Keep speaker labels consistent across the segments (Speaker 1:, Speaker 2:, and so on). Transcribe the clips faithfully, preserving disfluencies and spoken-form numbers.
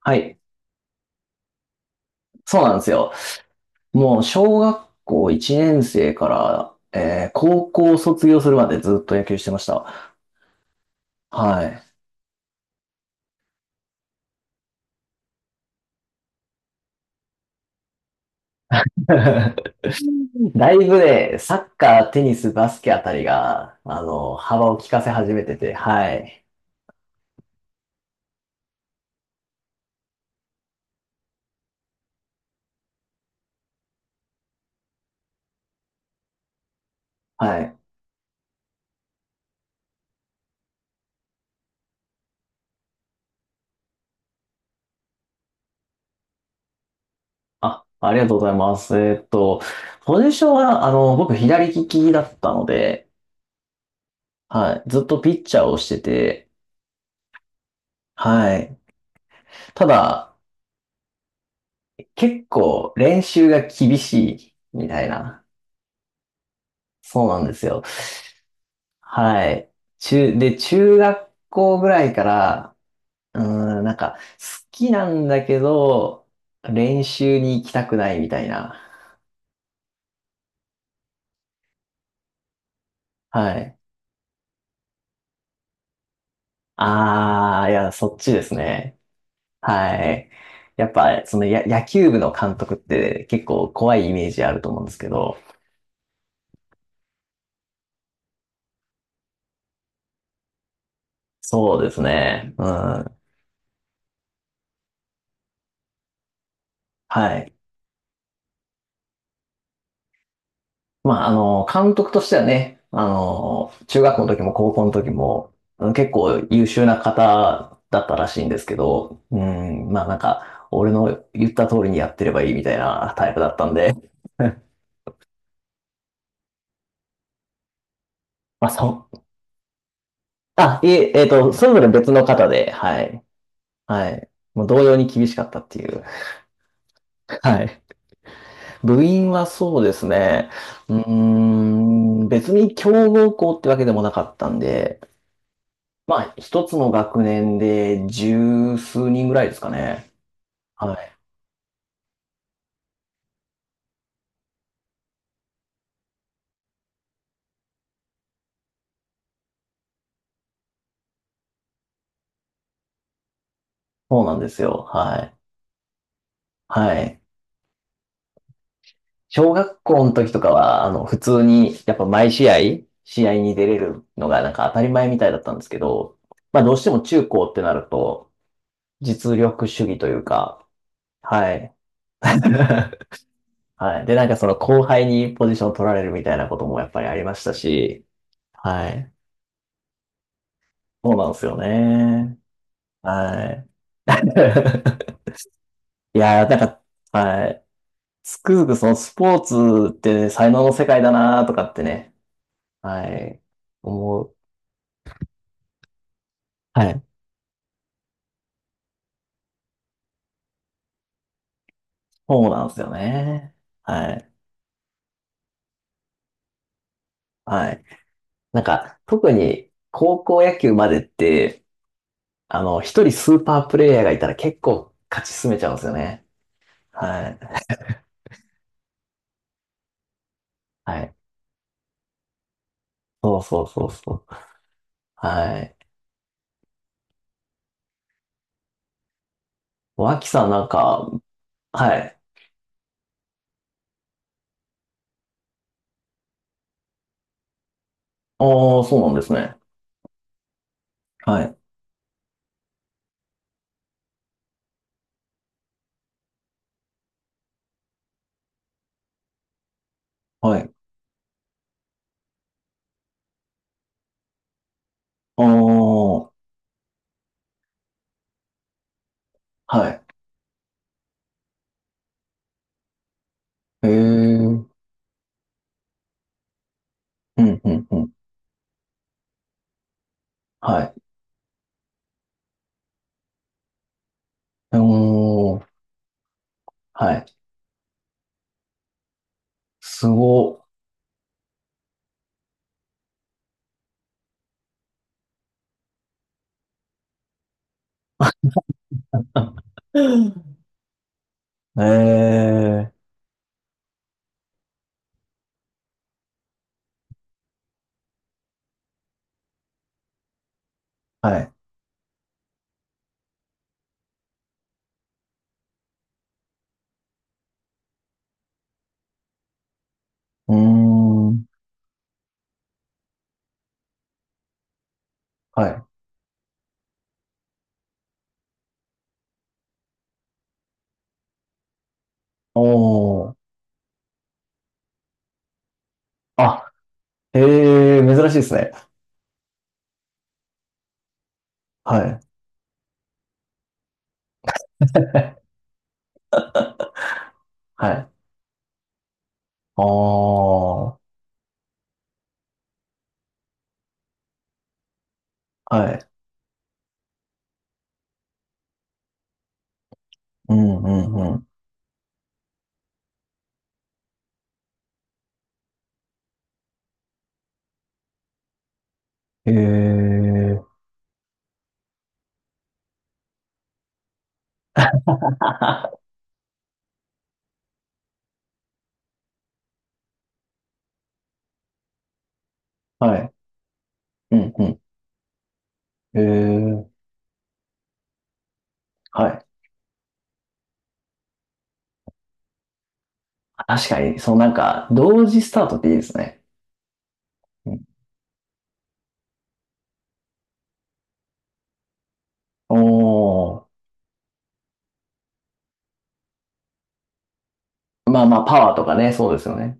Speaker 1: はい。そうなんですよ。もう小学校いちねん生から、えー高校卒業するまでずっと野球してました。はい。だいぶね、サッカー、テニス、バスケあたりが、あの、幅を利かせ始めてて、はい。はい。あ、ありがとうございます。えーっと、ポジションは、あの、僕左利きだったので、はい。ずっとピッチャーをしてて、はい。ただ、結構練習が厳しいみたいな。そうなんですよ。はい。中、で、中学校ぐらいから、うーん、なんか、好きなんだけど、練習に行きたくないみたいな。はい。あー、いや、そっちですね。はい。やっぱ、そのや、野球部の監督って結構怖いイメージあると思うんですけど、そうですね。うん。はい。まあ、あの、監督としてはね、あの、中学校の時も高校の時も、うん、結構優秀な方だったらしいんですけど、うん、まあなんか、俺の言った通りにやってればいいみたいなタイプだったんで、まあそう。あ、いえ、えっと、それぞれ別の方で、はい。はい。もう同様に厳しかったっていう。はい。部員はそうですね。うーん、別に強豪校ってわけでもなかったんで、まあ、一つの学年で十数人ぐらいですかね。はい。そうなんですよ。はい。はい。小学校の時とかは、あの、普通に、やっぱ毎試合、試合に出れるのがなんか当たり前みたいだったんですけど、まあ、どうしても中高ってなると、実力主義というか、はい。はい。で、なんかその後輩にポジション取られるみたいなこともやっぱりありましたし、はい。そうなんですよね。はい。いやー、なんか、はい。つくづくそのスポーツって才能の世界だなとかってね、はい、思う。はい。そうなんですよね。はい。はい。なんか、特に高校野球までって、あの、一人スーパープレイヤーがいたら結構勝ち進めちゃうんですよね。はい。はい。そうそうそうそう。はい。脇さんなんか、はい。ああ、そうなんですね。はい。はい。ああ、はい。へえ。うん、うん、うん。はい。おーん、はい。すご。ええ、はい。うーん。はい。おー。あ、ええ、珍しいですね。はい。はい。ああ、はい。うんうんうん。へえ。はい。うんうん。へえ。はい。確かに、そうなんか、同時スタートっていいですね。うん。おお。まあまあ、パワーとかね、そうですよね。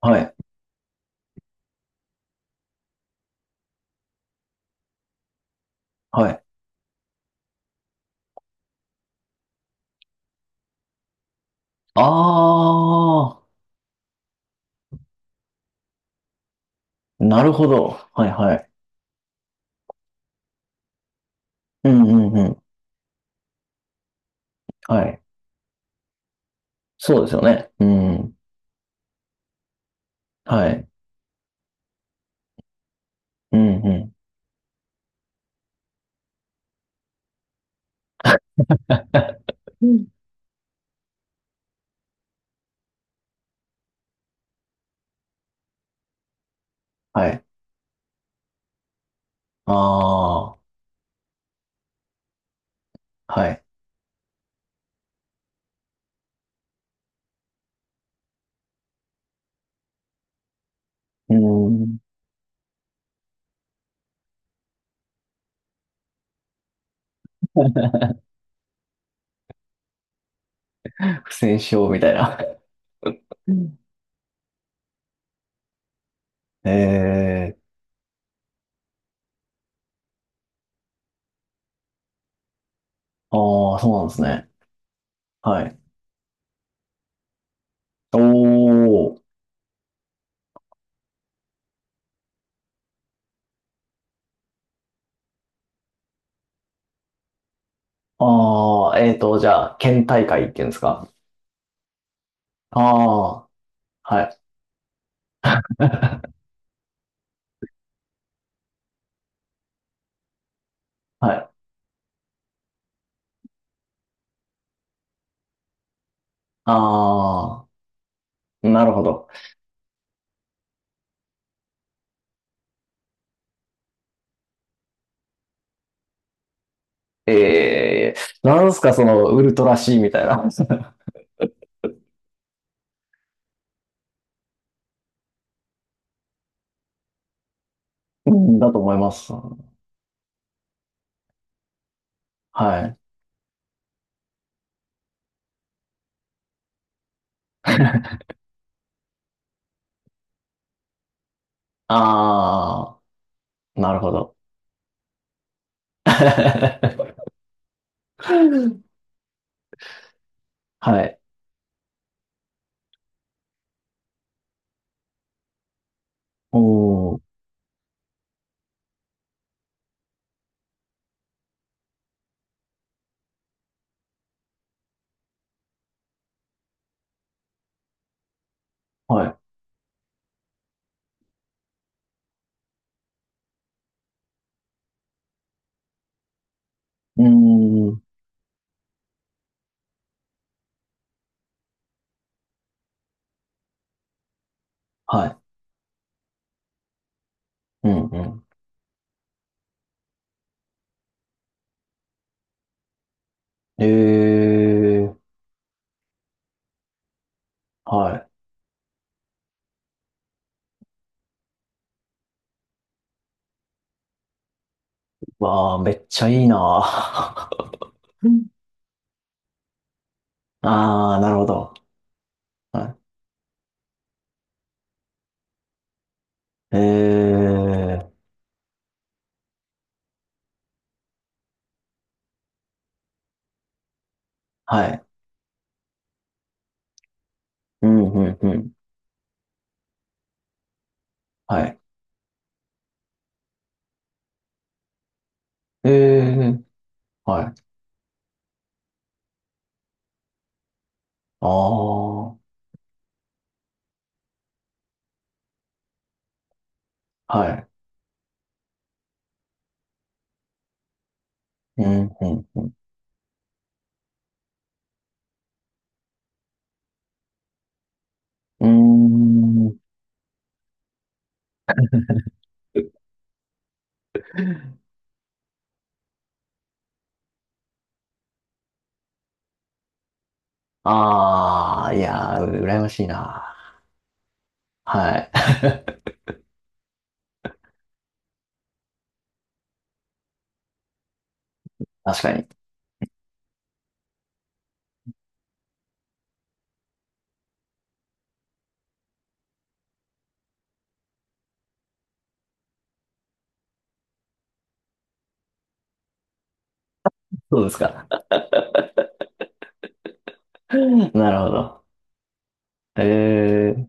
Speaker 1: はい。はい。ああ、なるほど。はいはい。うんうんうん。はい。そうですよね。うん。はい。うんうん。うん、はい。ああ、はい。うん。不戦勝みたいな。うん。えー、ああ、そうなんですね。はい。おー、ああ、えっと、じゃあ、県大会っていうんですか。ああ、はい。はい。ああ、なるほど。ええ、なんですか、その、ウルトラシー みたいな。うん、だと思います。はい。ああ、なるほど。はい。おー、はい。うーん、はい。うんうん。えー、はい。わあ、めっちゃいいなー。ああ、なるほど。はい。えー、はい。うん、うん、うん。はい。えー、はい。ああ、はい。うん、うん。うーん。ああ、いやー、羨ましいな。はい。確かに。そうですか。なるほど。ええ